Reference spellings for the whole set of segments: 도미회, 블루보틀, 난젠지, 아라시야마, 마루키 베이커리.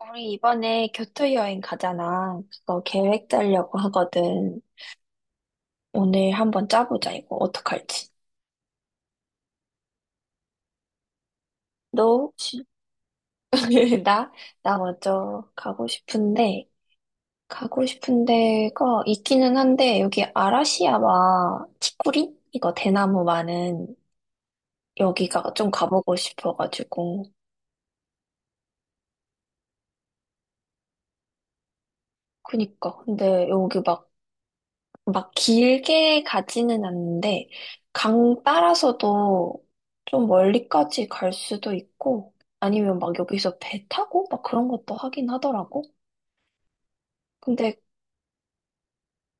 우리 이번에 교토 여행 가잖아. 그거 계획 짜려고 하거든. 오늘 한번 짜보자, 이거. 어떡할지. 너 혹시? 나? 나 먼저 가고 싶은데, 가고 싶은 데가 있기는 한데, 여기 아라시야마 치쿠리? 이거 대나무 많은 여기가 좀 가보고 싶어가지고. 그니까. 근데 여기 막 길게 가지는 않는데, 강 따라서도 좀 멀리까지 갈 수도 있고, 아니면 막 여기서 배 타고 막 그런 것도 하긴 하더라고. 근데,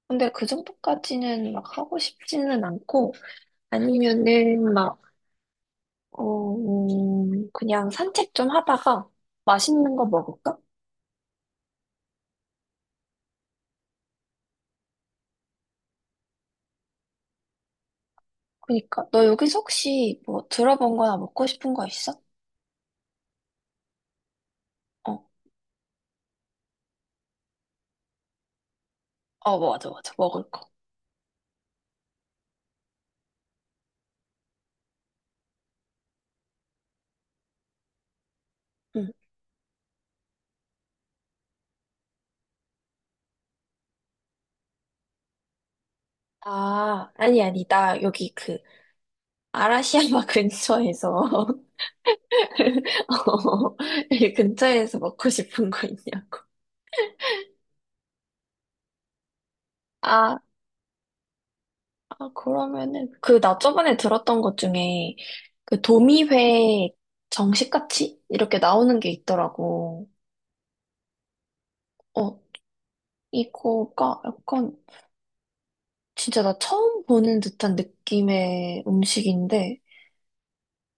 근데 그 정도까지는 막 하고 싶지는 않고, 아니면은 막, 어, 그냥 산책 좀 하다가 맛있는 거 먹을까? 그니까, 너 여기서 혹시 뭐 들어본 거나 먹고 싶은 거 있어? 어, 어, 맞아, 맞아. 먹을 거. 응. 아, 아니, 아니, 나 여기 그 아라시야마 근처에서 어, 이 근처에서 먹고 싶은 거 있냐고. 아, 아, 그러면은 그 나 저번에 들었던 것 중에 그 도미회 정식같이 이렇게 나오는 게 있더라고. 어, 이거가 약간 진짜 나 처음 보는 듯한 느낌의 음식인데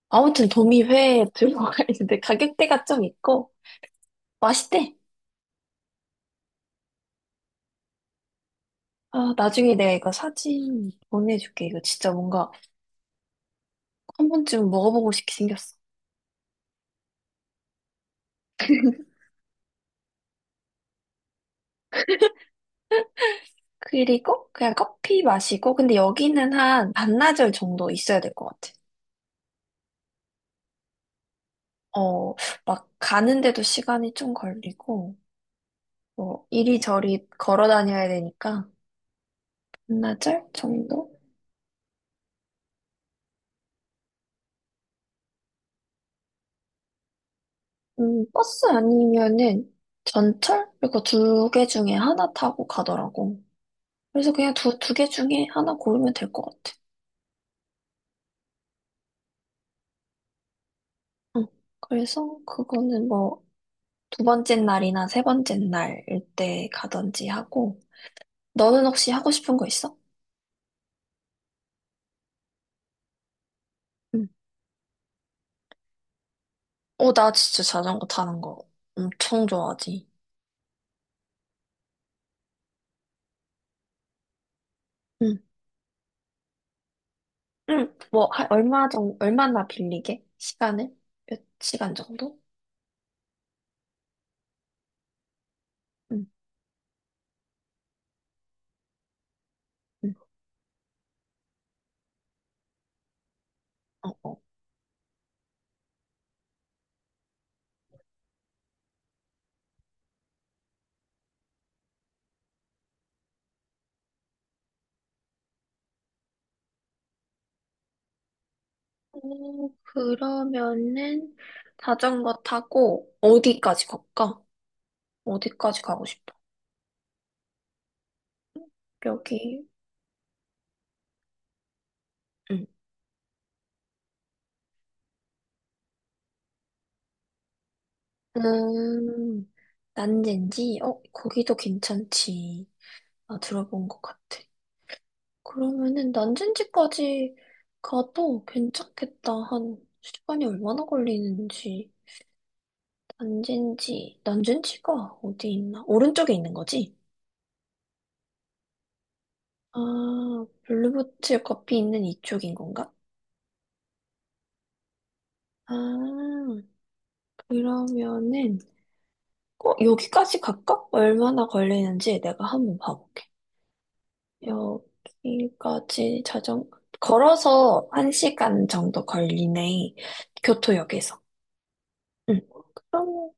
아무튼 도미회에 들어가 있는데 가격대가 좀 있고 맛있대. 아, 나중에 내가 이거 사진 보내줄게. 이거 진짜 뭔가 한 번쯤 먹어보고 싶게 생겼어. 그리고 그냥 커피 마시고, 근데 여기는 한 반나절 정도 있어야 될 것 같아. 어, 막 가는데도 시간이 좀 걸리고, 뭐 이리저리 걸어 다녀야 되니까 반나절 정도? 버스 아니면은 전철? 이거 두 개 중에 하나 타고 가더라고. 그래서 그냥 두 개 중에 하나 고르면 될 것 같아. 응. 그래서 그거는 뭐 두 번째 날이나 세 번째 날일 때 가든지 하고, 너는 혹시 하고 싶은 거 있어? 응, 어, 나 진짜 자전거 타는 거 엄청 좋아하지. 응. 응, 뭐, 얼마 정, 얼마나 빌리게? 시간을? 몇 시간 정도? 응, 응. 어, 어. 오 그러면은 자전거 타고 어디까지 갈까? 어디까지 가고 싶어? 여기, 응. 음, 난젠지? 어, 거기도 괜찮지. 나 들어본 것 같아. 그러면은 난전지까지 가도 괜찮겠다. 한 시간이 얼마나 걸리는지. 난젠지, 난젠지가 어디 있나? 오른쪽에 있는 거지? 아, 블루보틀 커피 있는 이쪽인 건가? 아, 그러면은, 어, 여기까지 갈까? 얼마나 걸리는지 내가 한번 봐볼게. 여기까지 걸어서 1시간 정도 걸리네. 교토역에서. 응. 그럼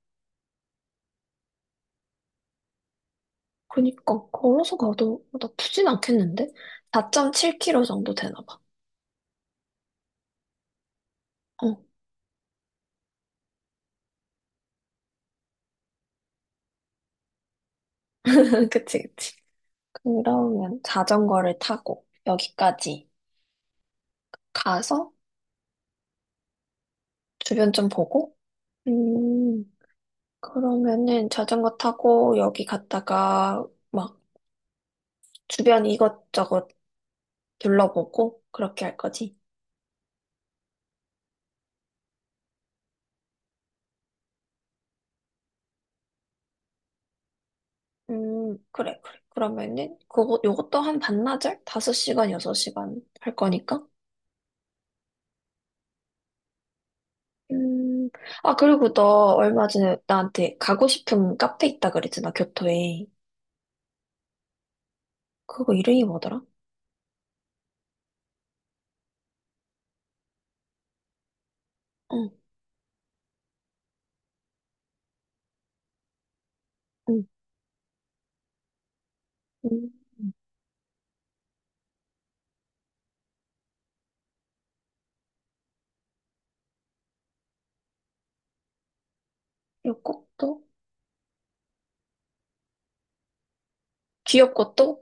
그니까 걸어서 가도 나쁘진 않겠는데? 4.7km 정도 되나 봐. 어, 그치, 그치. 그러면 자전거를 타고 여기까지 가서 주변 좀 보고, 음, 그러면은 자전거 타고 여기 갔다가 막 주변 이것저것 둘러보고 그렇게 할 거지. 그래, 그래. 그러면은 그거, 요것도 한 반나절? 5시간, 6시간 할 거니까? 음, 아, 그리고 너 얼마 전에 나한테 가고 싶은 카페 있다 그랬잖아, 교토에. 그거 이름이 뭐더라? 응, 응, 응. 귀엽고 또? 귀엽고 또?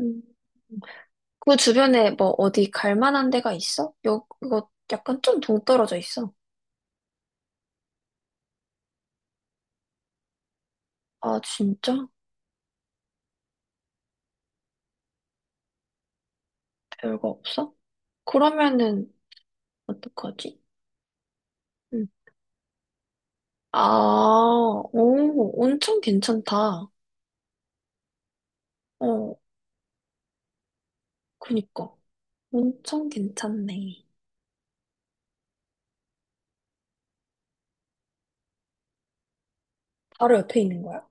음. 그 주변에 뭐 어디 갈 만한 데가 있어? 요, 이거 약간 좀 동떨어져 있어. 아, 진짜? 별거 없어? 그러면은, 어떡하지? 응. 아, 오, 온천 괜찮다. 어, 그니까. 온천 괜찮네. 바로 옆에 있는 거야?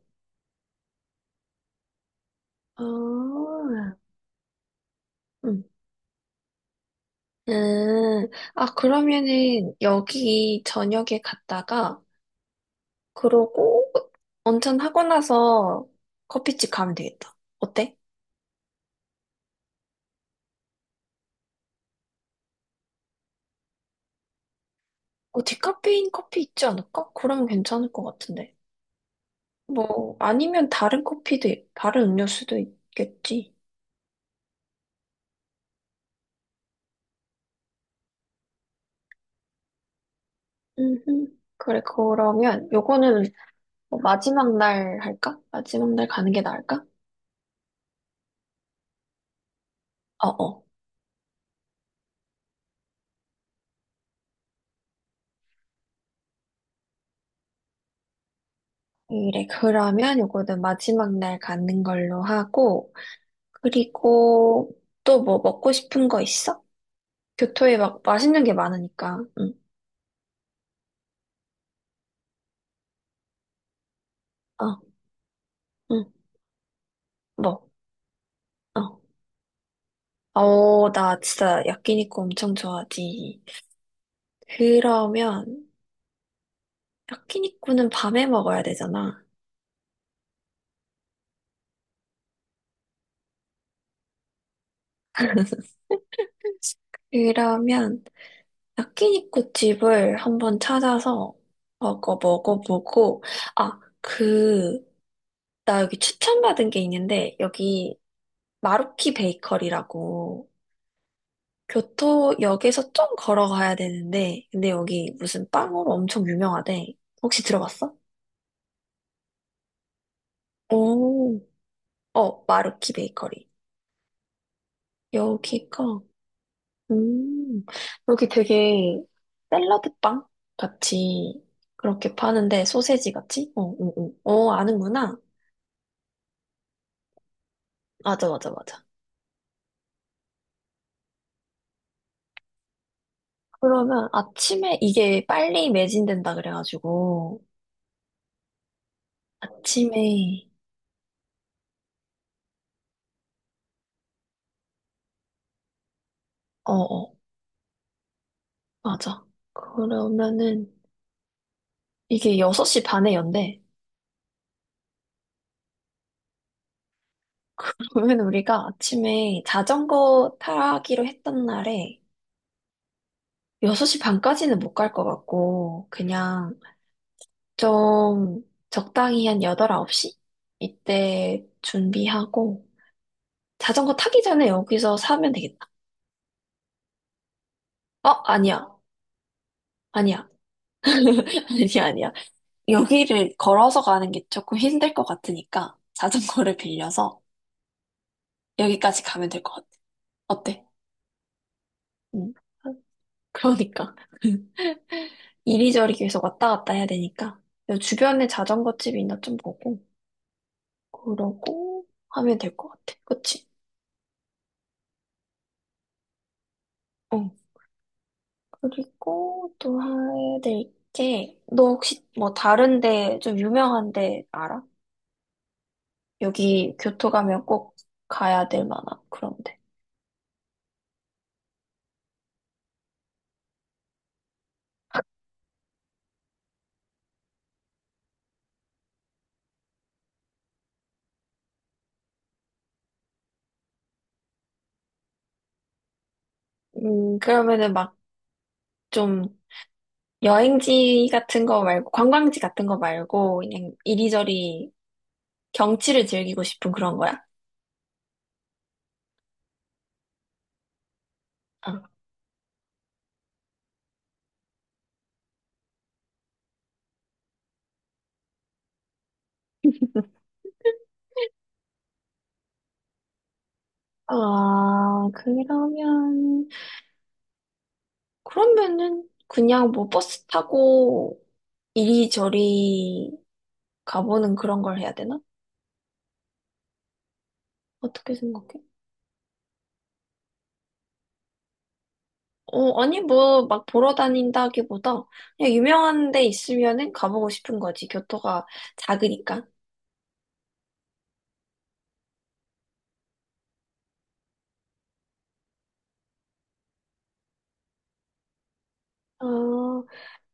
아, 음. 음, 아, 그러면은 여기 저녁에 갔다가, 그러고 온천하고 나서 커피집 가면 되겠다. 어때? 어, 디카페인 커피 있지 않을까? 그러면 괜찮을 것 같은데. 뭐, 아니면 다른 커피도, 다른 음료수도 있겠지. 음, 그래, 그러면 요거는 뭐 마지막 날 할까? 마지막 날 가는 게 나을까? 어어. 그래, 그러면 요거는 마지막 날 가는 걸로 하고, 그리고 또 뭐 먹고 싶은 거 있어? 교토에 막 맛있는 게 많으니까. 응. 어, 응. 뭐. 어. 어, 나 진짜 야끼니쿠 엄청 좋아하지. 그러면 야끼니쿠는 밤에 먹어야 되잖아. 그러면 야끼니쿠 집을 한번 찾아서 먹어보고 아, 그 나 여기 추천받은 게 있는데 여기 마루키 베이커리라고 교토역에서 좀 걸어가야 되는데, 근데 여기 무슨 빵으로 엄청 유명하대. 혹시 들어봤어? 오, 어, 마루키 베이커리. 여기가, 음, 여기 되게 샐러드 빵 같이 그렇게 파는데, 소세지 같이? 어, 어, 어. 어, 아는구나. 맞아, 맞아, 맞아. 그러면 아침에 이게 빨리 매진된다 그래가지고, 아침에, 어, 어, 맞아. 그러면은, 이게 6시 반에 연대. 그러면 우리가 아침에 자전거 타기로 했던 날에 6시 반까지는 못 갈 것 같고, 그냥 좀 적당히 한 8, 9시? 이때 준비하고, 자전거 타기 전에 여기서 사면 되겠다. 어, 아니야. 아니야. 아니야, 아니야. 여기를 걸어서 가는 게 조금 힘들 것 같으니까, 자전거를 빌려서 여기까지 가면 될 것 같아. 어때? 응. 그러니까. 이리저리 계속 왔다 갔다 해야 되니까 주변에 자전거 집이 있나 좀 보고 그러고 하면 될 것 같아. 그치? 어. 그리고 또 해야 될 게, 너 혹시 뭐 다른 데 좀 유명한 데 알아? 여기 교토 가면 꼭 가야 될 만한 그런 데. 그러면은 막 좀 여행지 같은 거 말고 관광지 같은 거 말고 그냥 이리저리 경치를 즐기고 싶은 그런 거야. 어. 아, 그러면 그러면은 그냥 뭐 버스 타고 이리저리 가보는 그런 걸 해야 되나? 어떻게 생각해? 어, 아니 뭐 막 보러 다닌다기보다 그냥 유명한 데 있으면은 가보고 싶은 거지. 교토가 작으니까. 아,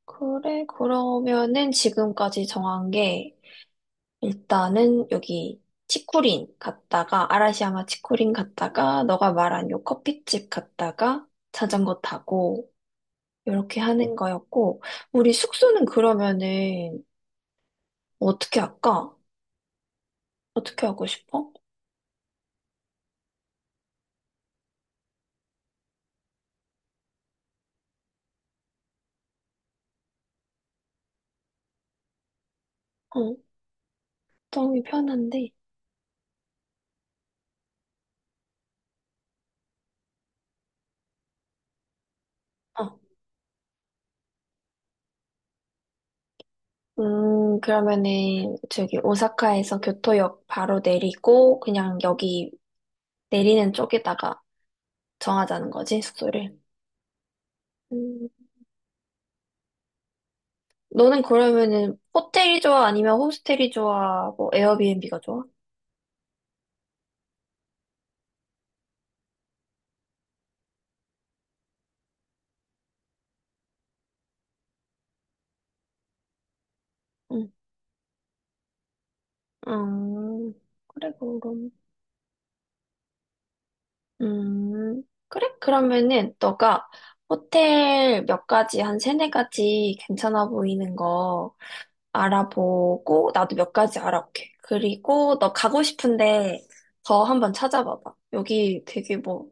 그래. 그러면은 지금까지 정한 게 일단은 여기 치코린 갔다가 아라시야마 치코린 갔다가 너가 말한 요 커피집 갔다가 자전거 타고 이렇게 하는 거였고, 우리 숙소는 그러면은 어떻게 할까? 어떻게 하고 싶어? 어, 너무 편한데. 어, 그러면은 저기 오사카에서 교토역 바로 내리고 그냥 여기 내리는 쪽에다가 정하자는 거지, 숙소를. 음, 너는 그러면은 호텔이 좋아? 아니면 호스텔이 좋아? 뭐 에어비앤비가 좋아? 응. 음, 그래, 그럼. 그래? 그러면은 너가 호텔 몇 가지, 한 세네 가지 괜찮아 보이는 거 알아보고 나도 몇 가지 알아볼게. 그리고 너 가고 싶은데 더 한번 찾아봐봐. 여기 되게 뭐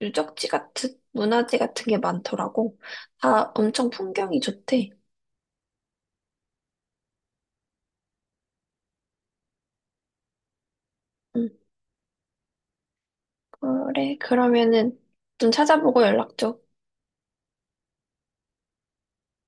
유적지 같은, 문화재 같은 게 많더라고. 다 엄청 풍경이 좋대. 응, 그래. 그러면은 좀 찾아보고 연락 줘.